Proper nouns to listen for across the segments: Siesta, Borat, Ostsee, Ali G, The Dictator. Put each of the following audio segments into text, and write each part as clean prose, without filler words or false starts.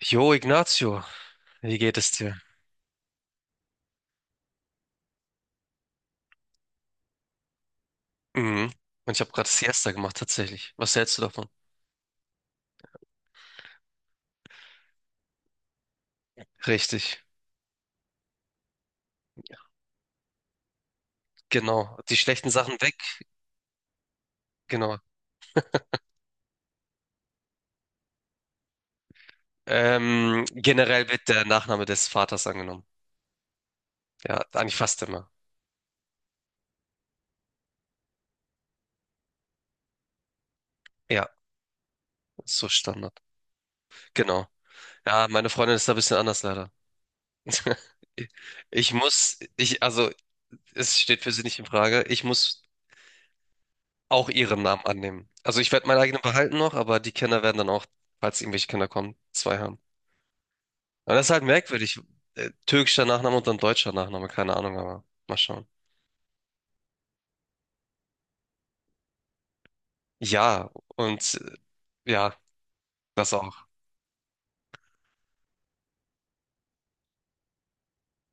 Jo, Ignacio, wie geht es dir? Mhm. Und ich habe gerade Siesta gemacht, tatsächlich. Was hältst du davon? Richtig. Genau. Die schlechten Sachen weg. Genau. Generell wird der Nachname des Vaters angenommen. Ja, eigentlich fast immer. Ja, ist so Standard. Genau. Ja, meine Freundin ist da ein bisschen anders leider. Also, es steht für sie nicht in Frage. Ich muss auch ihren Namen annehmen. Also, ich werde meinen eigenen behalten noch, aber die Kinder werden dann auch, falls irgendwelche Kinder kommen, zwei haben. Aber das ist halt merkwürdig. Türkischer Nachname und dann deutscher Nachname, keine Ahnung, aber mal schauen. Ja, und ja, das auch.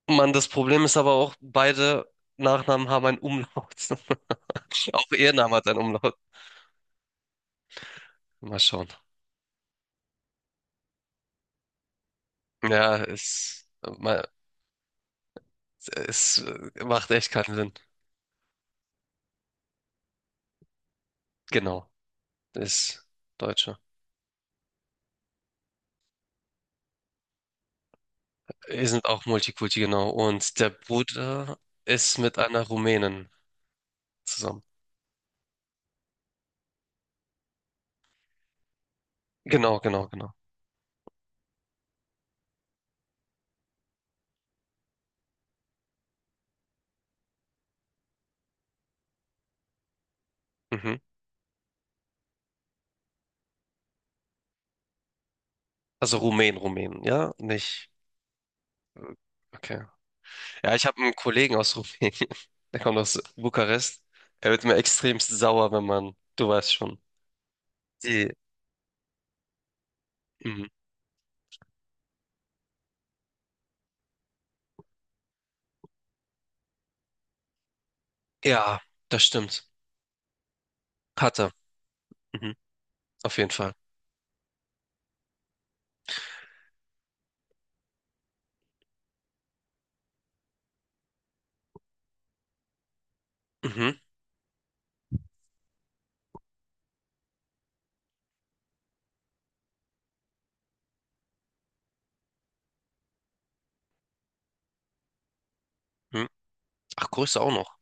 Mann, das Problem ist aber auch, beide Nachnamen haben einen Umlaut. Auch ihr Name hat einen Umlaut. Mal schauen. Ja, es, mal, es macht echt keinen Sinn. Genau, ist Deutsche. Wir sind auch Multikulti, genau. Und der Bruder ist mit einer Rumänin zusammen. Genau, genau, genau. Mhm. Also Rumänen, Rumänen, ja, nicht. Okay. Ja, ich habe einen Kollegen aus Rumänien. Der kommt aus Bukarest. Er wird mir extremst sauer, wenn man, du weißt schon. Die, mhm. Ja, das stimmt. Hatte. Mhm. Auf jeden Fall. Mhm. Mhm. Ach, Größe auch noch.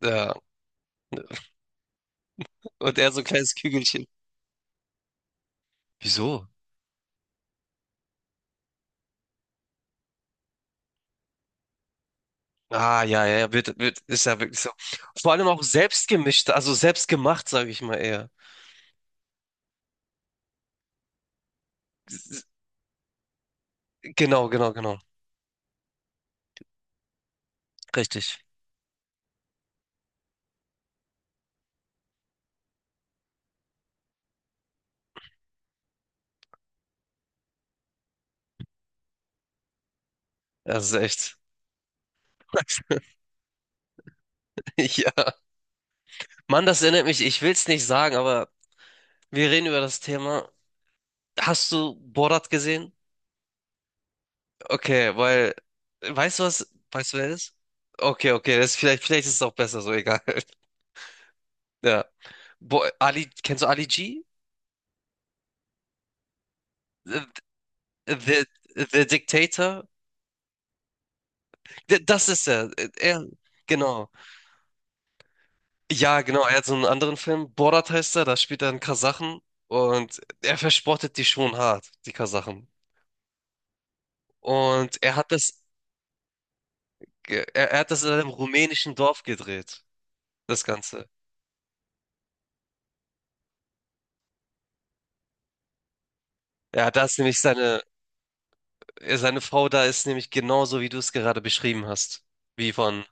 Ja. Und er so ein kleines Kügelchen. Wieso? Ah, ja, ja, ja, ist ja wirklich so. Vor allem auch selbst gemischt, also selbst gemacht, sage ich mal eher. S- Genau, genau, genau. Richtig. Das ist echt. Ja. Mann, das erinnert mich, ich will es nicht sagen, aber wir reden über das Thema. Hast du Borat gesehen? Okay, weil, weißt du was? Weißt du wer das ist? Okay, okay, das ist vielleicht, vielleicht ist es auch besser, so egal. Ja. Bo Ali, kennst du Ali G? The, the, the Dictator? Das ist er. Er, genau. Ja, genau, er hat so einen anderen Film. Borat heißt er, da spielt er einen Kasachen und er verspottet die schon hart, die Kasachen. Und er hat das, er hat das in einem rumänischen Dorf gedreht, das Ganze. Ja, da ist nämlich seine, ja, seine Frau da ist nämlich genauso, wie du es gerade beschrieben hast. Wie von.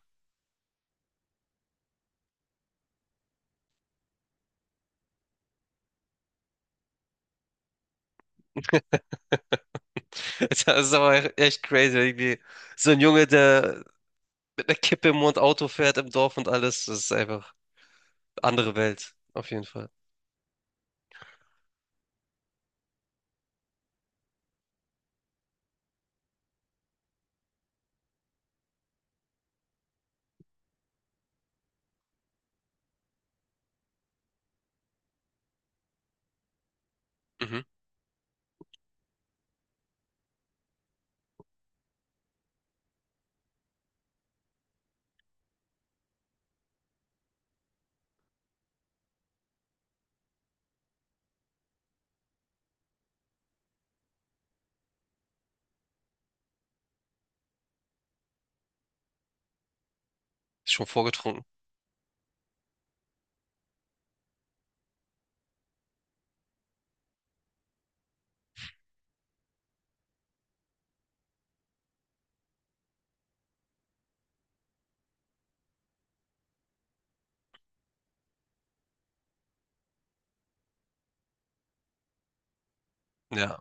Das ist aber echt crazy. Irgendwie so ein Junge, der mit einer Kippe im Mund Auto fährt im Dorf und alles. Das ist einfach andere Welt, auf jeden Fall. Mhm. Ist schon vorgetrunken. Ja.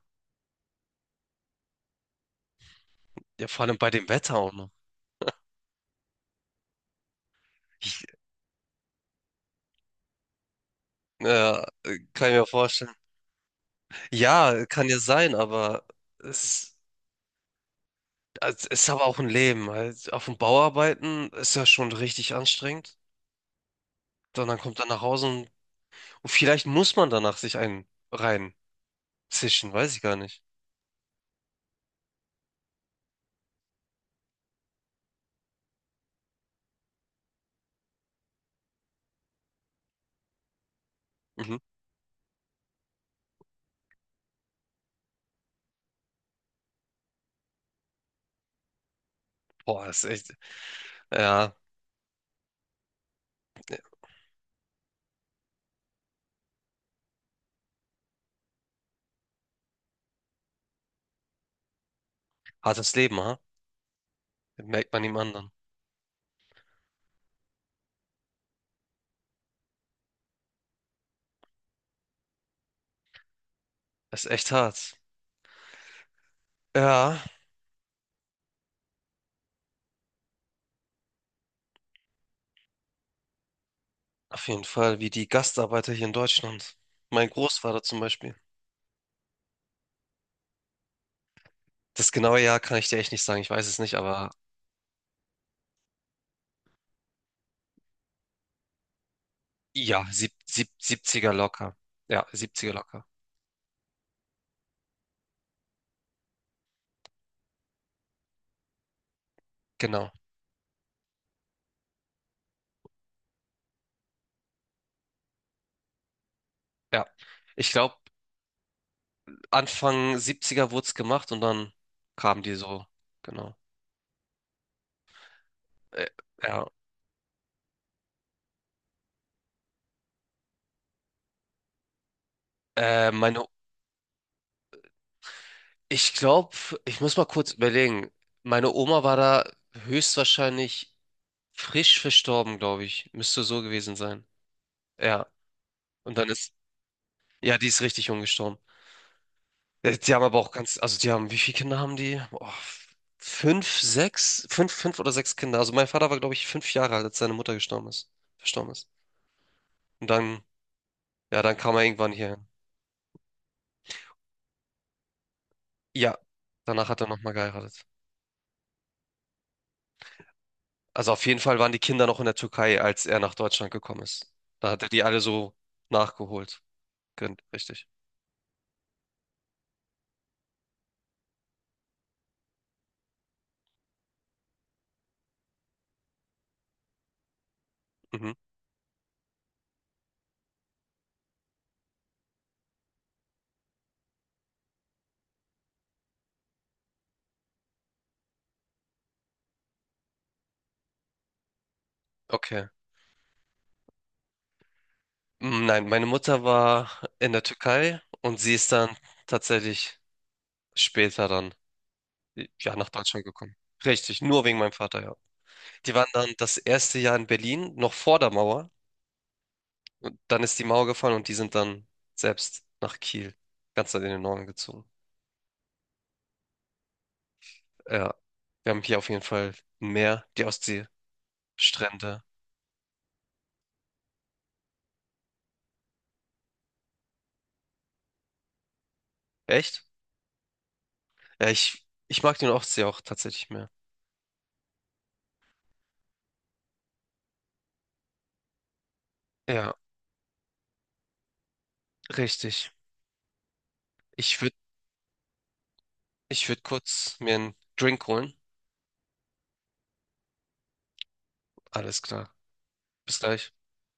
Ja, vor allem bei dem Wetter auch noch. Ich, ja, kann ich mir vorstellen. Ja, kann ja sein, aber es. Also, es ist aber auch ein Leben halt. Auf dem Bau arbeiten ist ja schon richtig anstrengend. Dann kommt er nach Hause und vielleicht muss man danach sich einen rein zischen, weiß ich gar nicht. Mhm. Boah, ist echt, ja, hartes Leben, ha? Merkt man ihm anderen. Ist echt hart. Ja, auf jeden Fall, wie die Gastarbeiter hier in Deutschland. Mein Großvater zum Beispiel. Das genaue Jahr kann ich dir echt nicht sagen, ich weiß es nicht, aber ja, 70 locker. Ja, 70 locker. Genau. Ja. Ich glaube, Anfang 70er wurde es gemacht und dann kamen die so, genau. Äh, ja. Äh, meine, Ich glaube, ich muss mal kurz überlegen. Meine Oma war da höchstwahrscheinlich frisch verstorben, glaube ich. Müsste so gewesen sein. Ja. Und dann ist, ja, die ist richtig jung gestorben. Die haben aber auch ganz, also die haben, wie viele Kinder haben die? Boah, fünf, sechs, fünf, fünf oder sechs Kinder. Also mein Vater war, glaube ich, 5 Jahre alt, als seine Mutter gestorben ist, verstorben ist. Und dann, ja, dann kam er irgendwann hierhin. Ja, danach hat er nochmal geheiratet. Also auf jeden Fall waren die Kinder noch in der Türkei, als er nach Deutschland gekommen ist. Da hat er die alle so nachgeholt. Richtig. Mhm. Okay. Nein, meine Mutter war in der Türkei und sie ist dann tatsächlich später dann ja nach Deutschland gekommen. Richtig, nur wegen meinem Vater, ja. Die waren dann das erste Jahr in Berlin, noch vor der Mauer. Und dann ist die Mauer gefallen und die sind dann selbst nach Kiel, ganz in den Norden gezogen. Ja, wir haben hier auf jeden Fall ein Meer, die Ostsee, Strände. Echt? Ja, ich mag den Ostsee auch tatsächlich mehr. Ja, richtig. Ich würde ich würd kurz mir einen Drink holen. Alles klar. Bis gleich.